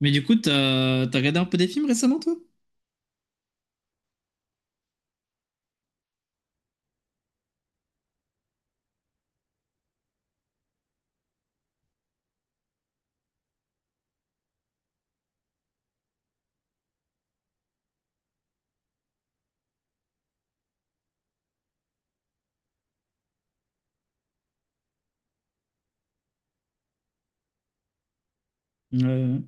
Mais du coup, t'as regardé un peu des films récemment, toi? Ouais.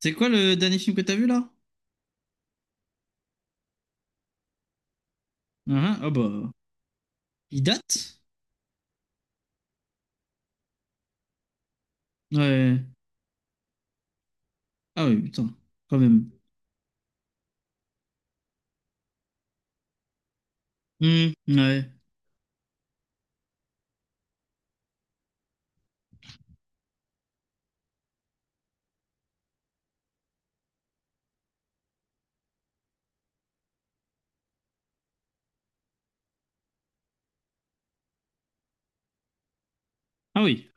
C'est quoi le dernier film que t'as vu là? Ah ah, ah bah. Il date? Ouais. Ah oui, putain, quand même. Hmm, ouais. Ah oui,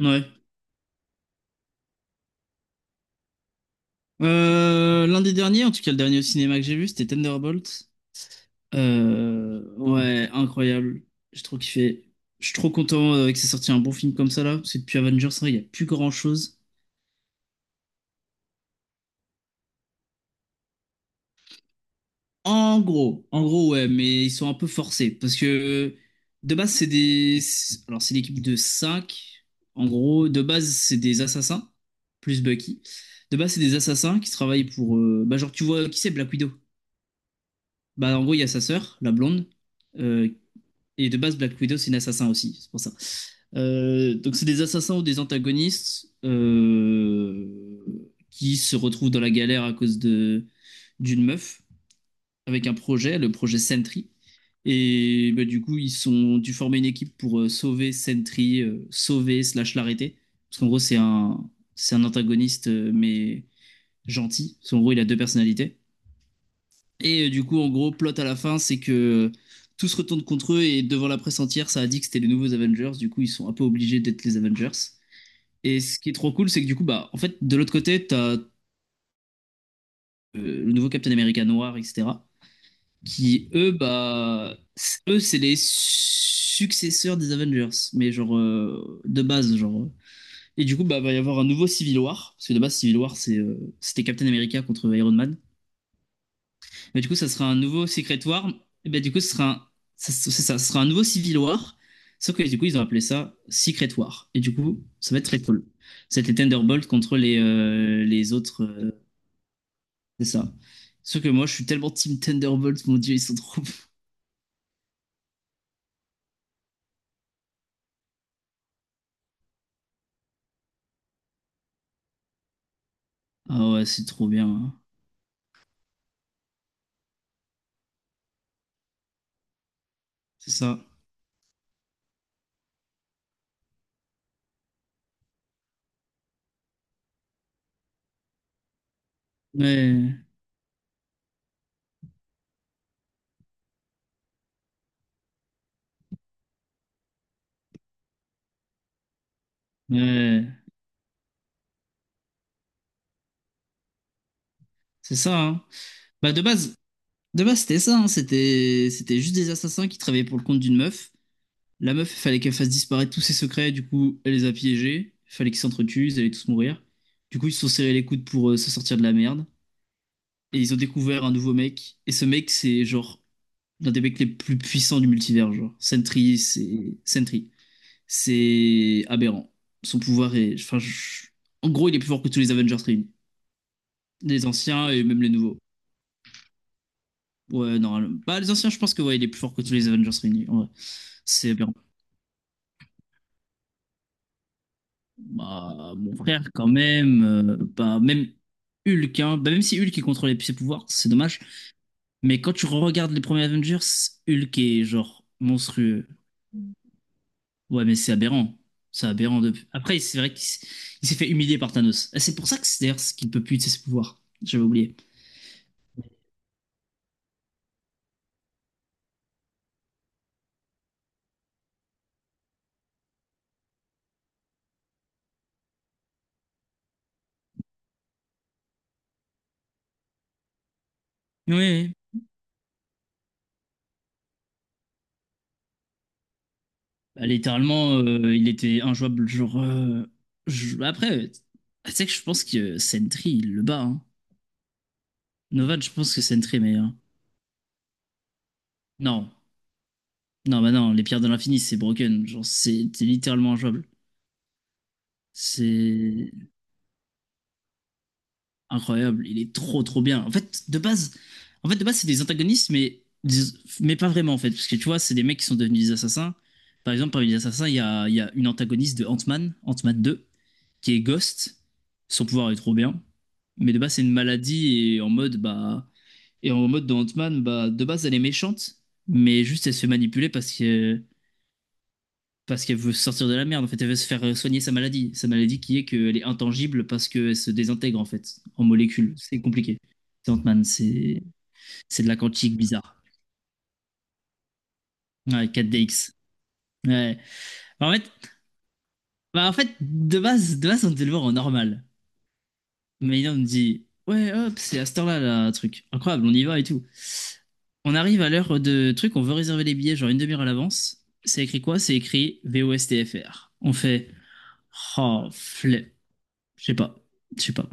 ouais. L'un des derniers, en tout cas le dernier au cinéma que j'ai vu, c'était Thunderbolt. Ouais, incroyable. J'ai trop kiffé. Je suis trop content que c'est sorti un bon film comme ça là, parce que depuis Avengers, hein, il n'y a plus grand-chose. En gros, ouais, mais ils sont un peu forcés parce que de base, c'est des. Alors, c'est l'équipe de cinq. En gros, de base, c'est des assassins, plus Bucky. De base, c'est des assassins qui travaillent pour. Bah, genre, tu vois, qui c'est Black Widow? Bah, en gros, il y a sa sœur, la blonde. euh, Et de base, Black Widow, c'est une assassin aussi, c'est pour ça. Donc, c'est des assassins ou des antagonistes qui se retrouvent dans la galère à cause de d'une meuf avec un projet, le projet Sentry. Et bah, du coup, ils sont dû former une équipe pour sauver Sentry, sauver slash l'arrêter. Parce qu'en gros, c'est un antagoniste, mais gentil. Parce qu'en gros, il a deux personnalités. Et du coup, en gros, plot à la fin, c'est que tout se retourne contre eux et devant la presse entière, ça a dit que c'était les nouveaux Avengers. Du coup, ils sont un peu obligés d'être les Avengers. Et ce qui est trop cool, c'est que du coup, bah, en fait, de l'autre côté, t'as le nouveau Captain America noir, etc. qui eux, bah, eux, c'est les successeurs des Avengers, mais genre de base, genre. Et du coup, bah, va y avoir un nouveau Civil War, parce que de base, Civil War, c'était Captain America contre Iron Man. Mais du coup, ça sera un nouveau Secret War. Et bah, du coup, ça, c'est ça, ce sera un nouveau Civil War. Sauf que du coup, ils ont appelé ça Secret War. Et du coup, ça va être très cool. C'était Thunderbolt contre les autres. C'est ça. Sauf que moi, je suis tellement Team Thunderbolt, mon Dieu, ils sont trop. Ah ouais, c'est trop bien, hein. C'est ça. Ouais, ouais, c'est ça, hein. Bah de base c'était ça, hein. C'était juste des assassins qui travaillaient pour le compte d'une meuf. La meuf, il fallait qu'elle fasse disparaître tous ses secrets. Du coup, elle les a piégés. Il fallait qu'ils s'entretuent. Ils allaient tous mourir. Du coup, ils se sont serrés les coudes pour se sortir de la merde. Et ils ont découvert un nouveau mec. Et ce mec, c'est genre l'un des mecs les plus puissants du multivers. Genre Sentry, c'est aberrant. Son pouvoir est, enfin, en gros, il est plus fort que tous les Avengers réunis, les anciens et même les nouveaux. Ouais, normalement. Bah, les anciens, je pense que ouais, il est plus fort que tous les Avengers réunis, ouais. C'est bien. Bah, mon frère, quand même. Bah, même Hulk, hein. Bah, même si Hulk il contrôlait ses pouvoirs, c'est dommage. Mais quand tu regardes les premiers Avengers, Hulk est genre monstrueux. Ouais, mais c'est aberrant. C'est aberrant. Après, c'est vrai qu'il s- il s'est fait humilier par Thanos. Et c'est pour ça que c'est d'ailleurs ce qu'il ne peut plus utiliser ses pouvoirs. J'avais oublié. Oui, bah, littéralement, il était injouable. Genre, après, tu sais que je pense que Sentry, il le bat, hein. Novan, je pense que Sentry est meilleur. Non, non, bah non, les pierres de l'infini, c'est broken. Genre, c'est littéralement injouable. C'est incroyable. Il est trop, trop bien. En fait, de base, c'est des antagonistes, mais, mais pas vraiment, en fait. Parce que tu vois, c'est des mecs qui sont devenus des assassins. Par exemple, parmi les assassins, il y a une antagoniste de Ant-Man, Ant-Man 2, qui est Ghost. Son pouvoir est trop bien. Mais de base, c'est une maladie et en mode, bah. Et en mode de Ant-Man, bah, de base, elle est méchante. Mais juste, elle se fait manipuler parce que. Parce qu'elle veut sortir de la merde, en fait, elle veut se faire soigner sa maladie. Sa maladie qui est qu'elle est intangible parce qu'elle se désintègre, en fait, en molécules. C'est compliqué. C'est Ant-Man, c'est de la quantique bizarre. Ouais, 4DX. Ouais. Bah, En fait, en fait, de base, on devait le voir en normal. Mais là, on me dit, ouais, hop, c'est à cette heure-là, là, truc. Incroyable, on y va et tout. On arrive à l'heure de truc, on veut réserver les billets, genre une demi-heure à l'avance. C'est écrit quoi? C'est écrit VOSTFR. On fait, oh, flemme. Je sais pas. Je sais pas.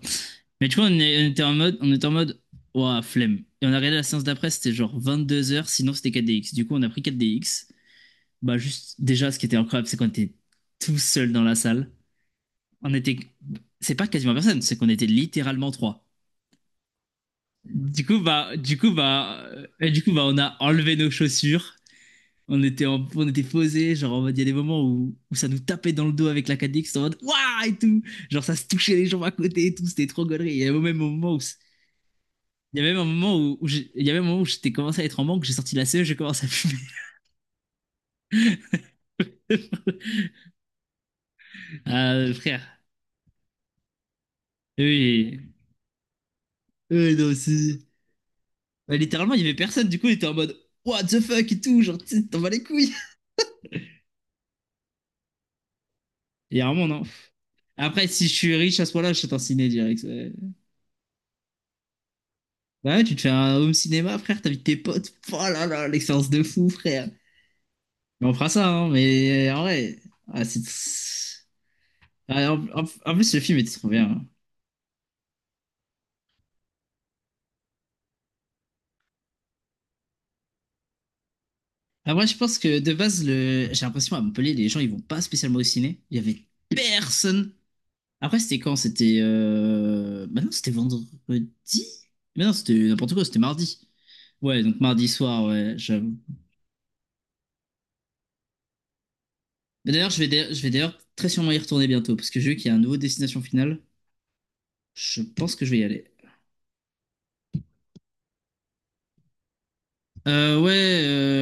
Mais du coup, on était en mode, ouah, flemme. Et on a regardé la séance d'après, c'était genre 22 h, sinon c'était 4DX. Du coup, on a pris 4DX. Bah, juste, déjà, ce qui était incroyable, c'est qu'on était tout seul dans la salle. On était, c'est pas quasiment personne, c'est qu'on était littéralement trois. Du coup, on a enlevé nos chaussures. On était, on était posés. Genre, en mode, il y a des moments où ça nous tapait dans le dos avec la 4DX en mode, waouh et tout. Genre, ça se touchait les jambes à côté et tout. C'était trop gaulerie. Il y a même un moment où, Il y a même un moment où j'étais commencé à être en manque. J'ai sorti la CE, j'ai commencé à fumer. Ah, frère. Oui. Non, bah, littéralement, il y avait personne. Du coup, il était en mode, what the fuck et tout. Genre, tu sais, t'en vas les couilles. Il y a vraiment, non. Après, si je suis riche à ce point-là, je suis en ciné direct. Ouais. Bah ouais, tu te fais un home cinéma, frère, t'invites tes potes. Oh là là, l'expérience de fou, frère. Mais on fera ça, hein, mais en vrai. ah, c'est- Ah, en plus, le film était trop bien, hein. Après, je pense que de base, j'ai l'impression à Montpellier, les gens, ils vont pas spécialement au ciné. Il y avait personne. Après, c'était quand? C'était. Bah non, c'était vendredi? Mais non, c'était n'importe quoi, c'était mardi. Ouais, donc mardi soir, ouais, j'avoue. Mais d'ailleurs, je vais d'ailleurs très sûrement y retourner bientôt, parce que j'ai vu qu'il y a un nouveau destination finale. Je pense que je vais y aller. Ouais,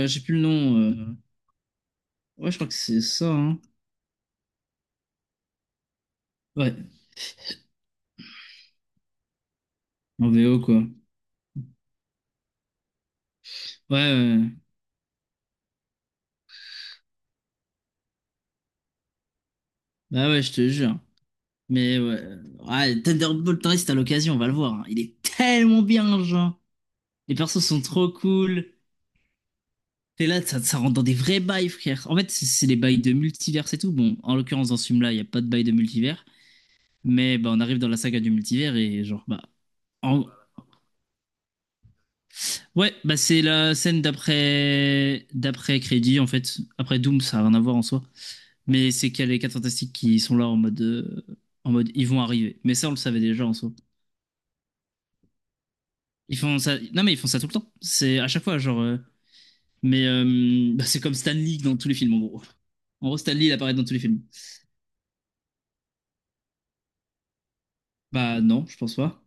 j'ai plus le nom. Ouais, je crois que c'est ça, hein. Ouais, en VO, quoi. Ouais, ouais, ouais. Bah ouais, je te jure. Mais ouais. Ouais, Thunderbolt Torres, t'as l'occasion, on va le voir, hein. Il est tellement bien, genre. Les persos sont trop cool. T'es là, ça rentre dans des vrais bails, frère. En fait, c'est les bails de multivers et tout. Bon, en l'occurrence, dans ce film-là, il n'y a pas de bail de multivers. Mais bah, on arrive dans la saga du multivers et genre, bah. en- Ouais, bah c'est la scène d'après d'après crédit, en fait. Après Doom, ça n'a rien à voir en soi. Mais c'est qu'il y a les 4 Fantastiques qui sont là en mode ils vont arriver. Mais ça, on le savait déjà en soi. Ils font ça. Non, mais ils font ça tout le temps. C'est à chaque fois, genre. Mais bah, c'est comme Stan Lee dans tous les films, en gros. En gros, Stan Lee, il apparaît dans tous les films. Bah non, je pense pas.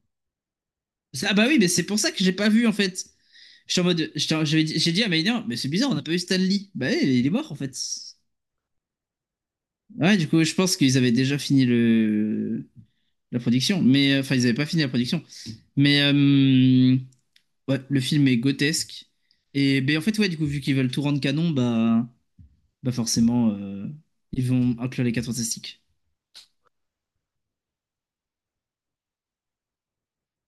Ah bah oui, mais c'est pour ça que j'ai pas vu, en fait. J'étais en mode. J'ai dit à Maïner, mais c'est bizarre, on n'a pas vu Stan Lee. Bah oui, il est mort, en fait. Ouais, du coup, je pense qu'ils avaient déjà fini la production. Enfin, ils avaient pas fini la production. Mais. euh, Ouais, le film est grotesque. Et ben, en fait, ouais, du coup, vu qu'ils veulent tout rendre canon, bah, forcément, ils vont inclure les quatre fantastiques.